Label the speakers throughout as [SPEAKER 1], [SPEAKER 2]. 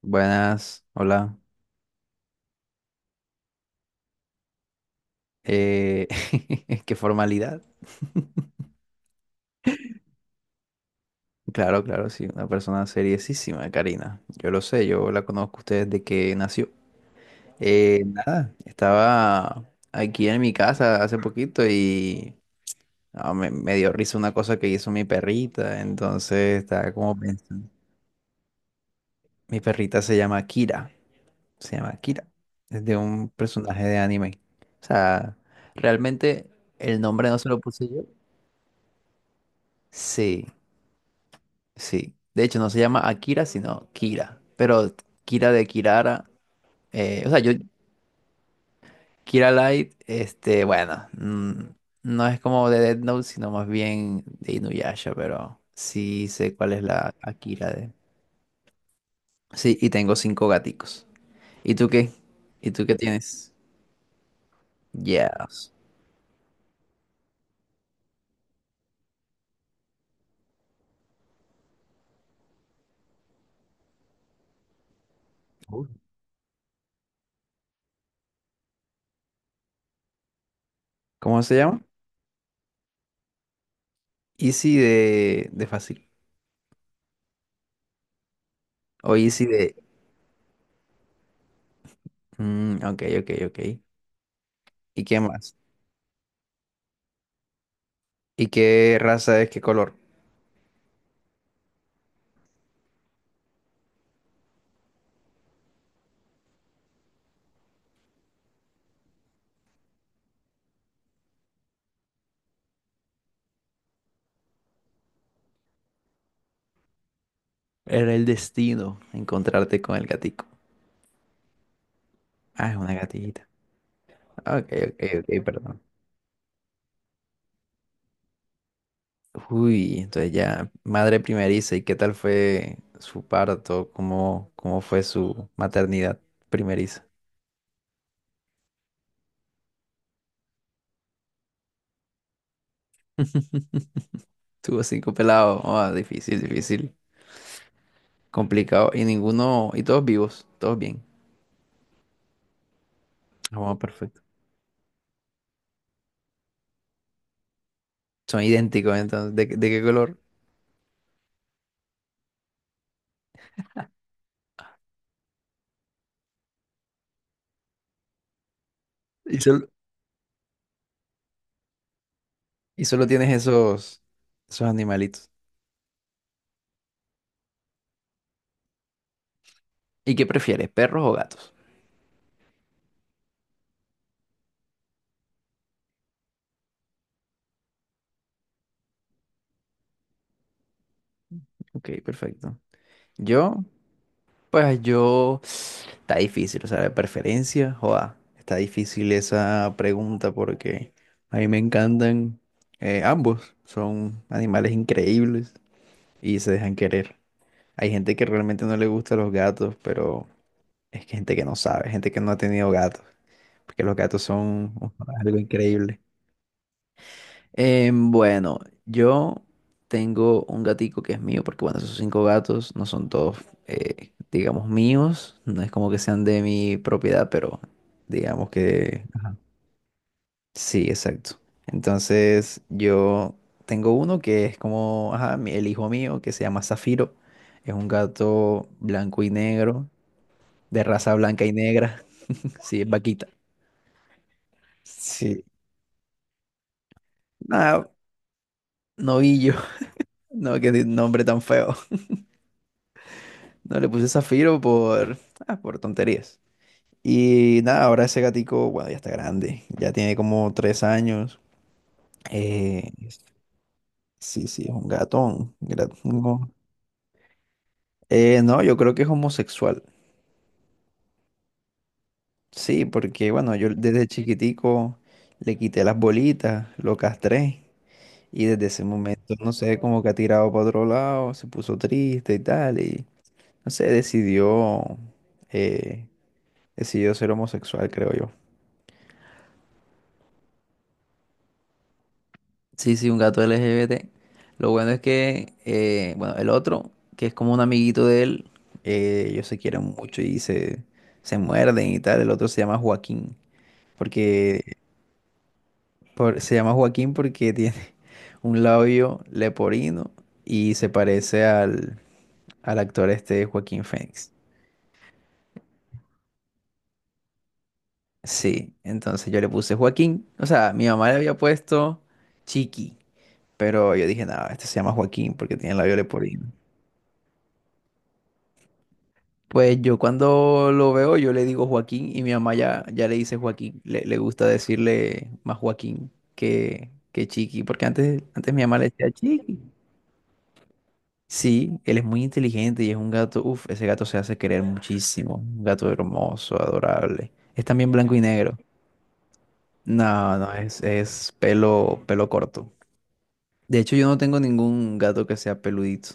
[SPEAKER 1] Buenas, hola. Eh, Qué formalidad. Claro, claro, sí, una persona seriosísima, Karina. Yo lo sé, yo la conozco a ustedes desde que nació. Nada, estaba aquí en mi casa hace poquito y me dio risa una cosa que hizo mi perrita, entonces estaba como pensando. Mi perrita se llama Kira, es de un personaje de anime. O sea, realmente el nombre no se lo puse yo. Sí. Sí, de hecho no se llama Akira, sino Kira, pero Kira de Kirara, o sea, yo, Kira Light, este, bueno, no es como de Death Note, sino más bien de Inuyasha, pero sí sé cuál es la Akira de… Sí, y tengo cinco gaticos. ¿Y tú qué? ¿Y tú qué tienes? Yes. Uy. ¿Cómo se llama? Easy de, fácil. O Easy de… Mm, ok, ok, ok. ¿Y qué más? ¿Y qué raza es? ¿Qué color? Era el destino encontrarte con el gatico. Ah, es una gatita. Ok, ok, ok, perdón. Uy, entonces ya, madre primeriza, ¿y qué tal fue su parto? ¿Cómo fue su maternidad primeriza? Tuvo cinco pelados. Ah, difícil, difícil. Complicado. Y ninguno, y todos vivos, todos bien. Ah, perfecto. Son idénticos, entonces, de qué color? Y solo, y solo tienes esos animalitos. ¿Y qué prefieres, perros o gatos? Ok, perfecto. Yo. Pues yo, está difícil, o sea, de preferencia, joda, está difícil esa pregunta porque a mí me encantan ambos, son animales increíbles y se dejan querer. Hay gente que realmente no le gusta los gatos, pero es que gente que no sabe, gente que no ha tenido gatos, porque los gatos son algo increíble. Bueno, yo tengo un gatico que es mío, porque bueno, esos cinco gatos no son todos, digamos, míos, no es como que sean de mi propiedad, pero digamos que sí, exacto. Entonces yo tengo uno que es como, ajá, el hijo mío, que se llama Zafiro, es un gato blanco y negro, de raza blanca y negra, sí, es vaquita. Sí, nada, novillo, no, qué nombre tan feo. No le puse Zafiro por tonterías. Y nada, ahora ese gatico, bueno, ya está grande. Ya tiene como 3 años. Eh, sí, sí, es un gatón. No. No, yo creo que es homosexual. Sí, porque bueno, yo desde chiquitico le quité las bolitas, lo castré. Y desde ese momento, no sé, como que ha tirado para otro lado, se puso triste y tal. Y no sé, eh, decidió ser homosexual, creo yo. Sí, sí, un gato LGBT. Lo bueno es que, bueno, el otro, que es como un amiguito de él, ellos se quieren mucho y se muerden y tal. El otro se llama Joaquín, porque se llama Joaquín porque tiene un labio leporino y se parece al actor este Joaquín Phoenix. Sí, entonces yo le puse Joaquín. O sea, mi mamá le había puesto Chiqui, pero yo dije, nada, este se llama Joaquín porque tiene labio leporino. Pues yo cuando lo veo, yo le digo Joaquín y mi mamá ya, ya le dice Joaquín. Le gusta decirle más Joaquín que Chiqui, porque antes, antes mi mamá le decía Chiqui. Sí, él es muy inteligente y es un gato, uff ese gato se hace querer muchísimo. Un gato hermoso, adorable. Es también blanco y negro. No, no, es pelo, pelo corto. De hecho, yo no tengo ningún gato que sea peludito.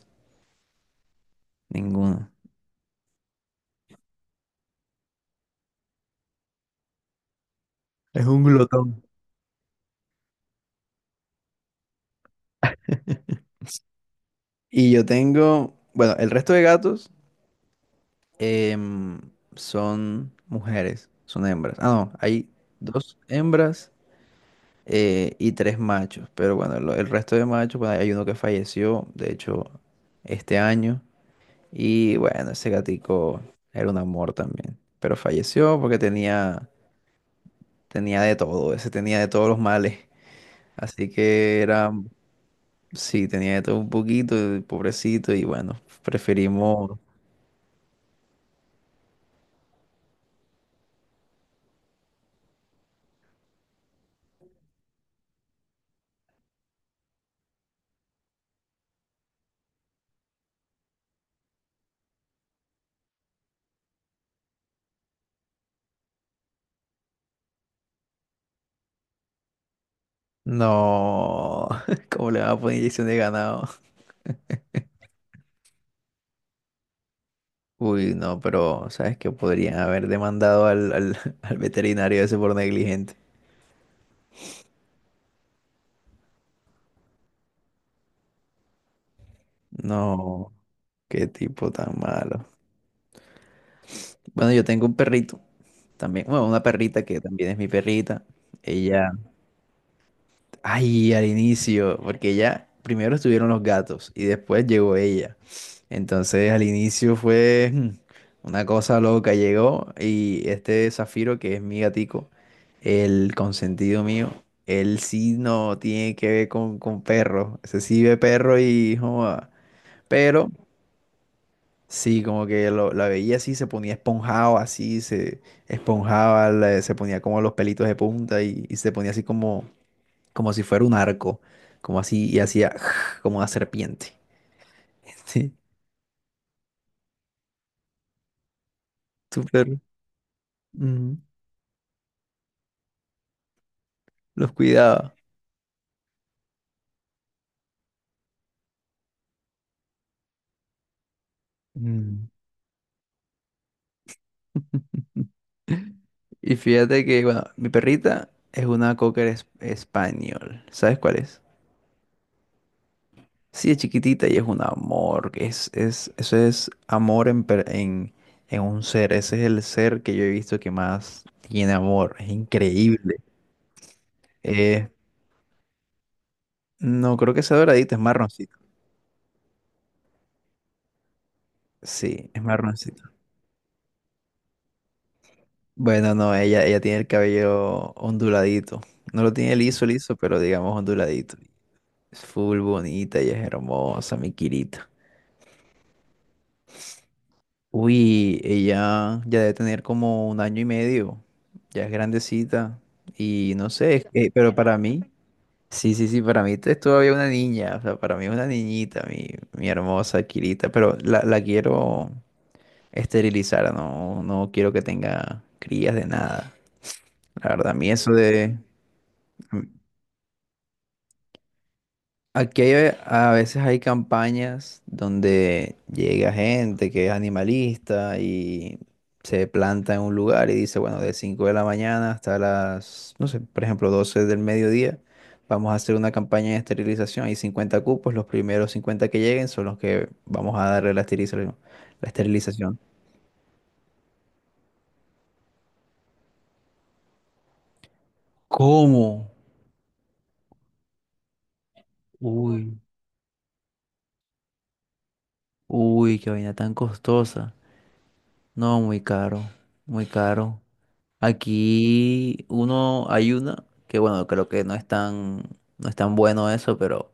[SPEAKER 1] Ninguno. Es un glotón. Y yo tengo, bueno, el resto de gatos. Em, Son mujeres, son hembras. Ah, no, hay dos hembras y tres machos. Pero bueno, el resto de machos, bueno, hay uno que falleció, de hecho, este año. Y bueno, ese gatico era un amor también. Pero falleció porque tenía de todo, ese tenía de todos los males. Así que era, sí, tenía de todo un poquito, el pobrecito. Y bueno, preferimos… No, ¿cómo le van a poner inyección de ganado? Uy, no, pero ¿sabes que podrían haber demandado al veterinario ese por negligente. No, qué tipo tan malo. Bueno, yo tengo un perrito también, bueno, una perrita que también es mi perrita. Ella Ay, al inicio, porque ya primero estuvieron los gatos y después llegó ella. Entonces al inicio fue una cosa loca, llegó y este Zafiro, que es mi gatico, el consentido mío, él sí no tiene que ver con perros, ese sí ve perro y joda, pero sí, como que la veía así, se ponía esponjado así, se esponjaba, se ponía como los pelitos de punta y se ponía así como si fuera un arco, como así, y hacía como una serpiente. Sí, súper. Ujú, los cuidaba. Mm. Y fíjate que, bueno, mi perrita es una cocker español. ¿Sabes cuál es? Sí, es chiquitita y es un amor, que eso es amor en un ser. Ese es el ser que yo he visto que más tiene amor. Es increíble. Eh, no, creo que sea doradito, es marroncito. Sí, es marroncito. Bueno, no, ella tiene el cabello onduladito. No lo tiene liso, liso, pero digamos onduladito. Es full bonita, ella es hermosa, mi Kirita. Uy, ella ya debe tener como 1 año y medio. Ya es grandecita. Y no sé, pero para mí, sí, sí, sí, para mí es todavía una niña. O sea, para mí es una niñita, mi hermosa Kirita. Pero la quiero esterilizar, no, no quiero que tenga crías de nada. La verdad, a mí eso de… Aquí a veces hay campañas donde llega gente que es animalista y se planta en un lugar y dice, bueno, de 5 de la mañana hasta las, no sé, por ejemplo, 12 del mediodía, vamos a hacer una campaña de esterilización. Hay 50 cupos, los primeros 50 que lleguen son los que vamos a darle la esterilización. La esterilización. ¿Cómo? Uy, uy, qué vaina tan costosa. No, muy caro, muy caro. Aquí uno, hay una que bueno, creo que no es tan bueno eso, pero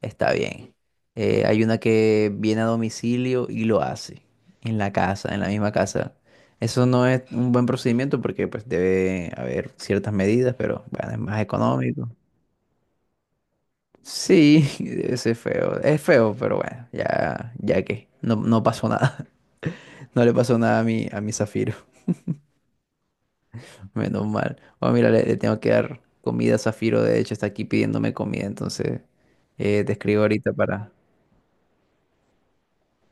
[SPEAKER 1] está bien. Hay una que viene a domicilio y lo hace en la casa, en la misma casa. Eso no es un buen procedimiento porque pues debe haber ciertas medidas, pero bueno, es más económico. Sí, ese es feo. Es feo, pero bueno, ya, ya que no, no pasó nada. No le pasó nada a mi Zafiro. Menos mal. Bueno, mira, le tengo que dar comida a Zafiro. De hecho, está aquí pidiéndome comida. Entonces, te escribo ahorita para…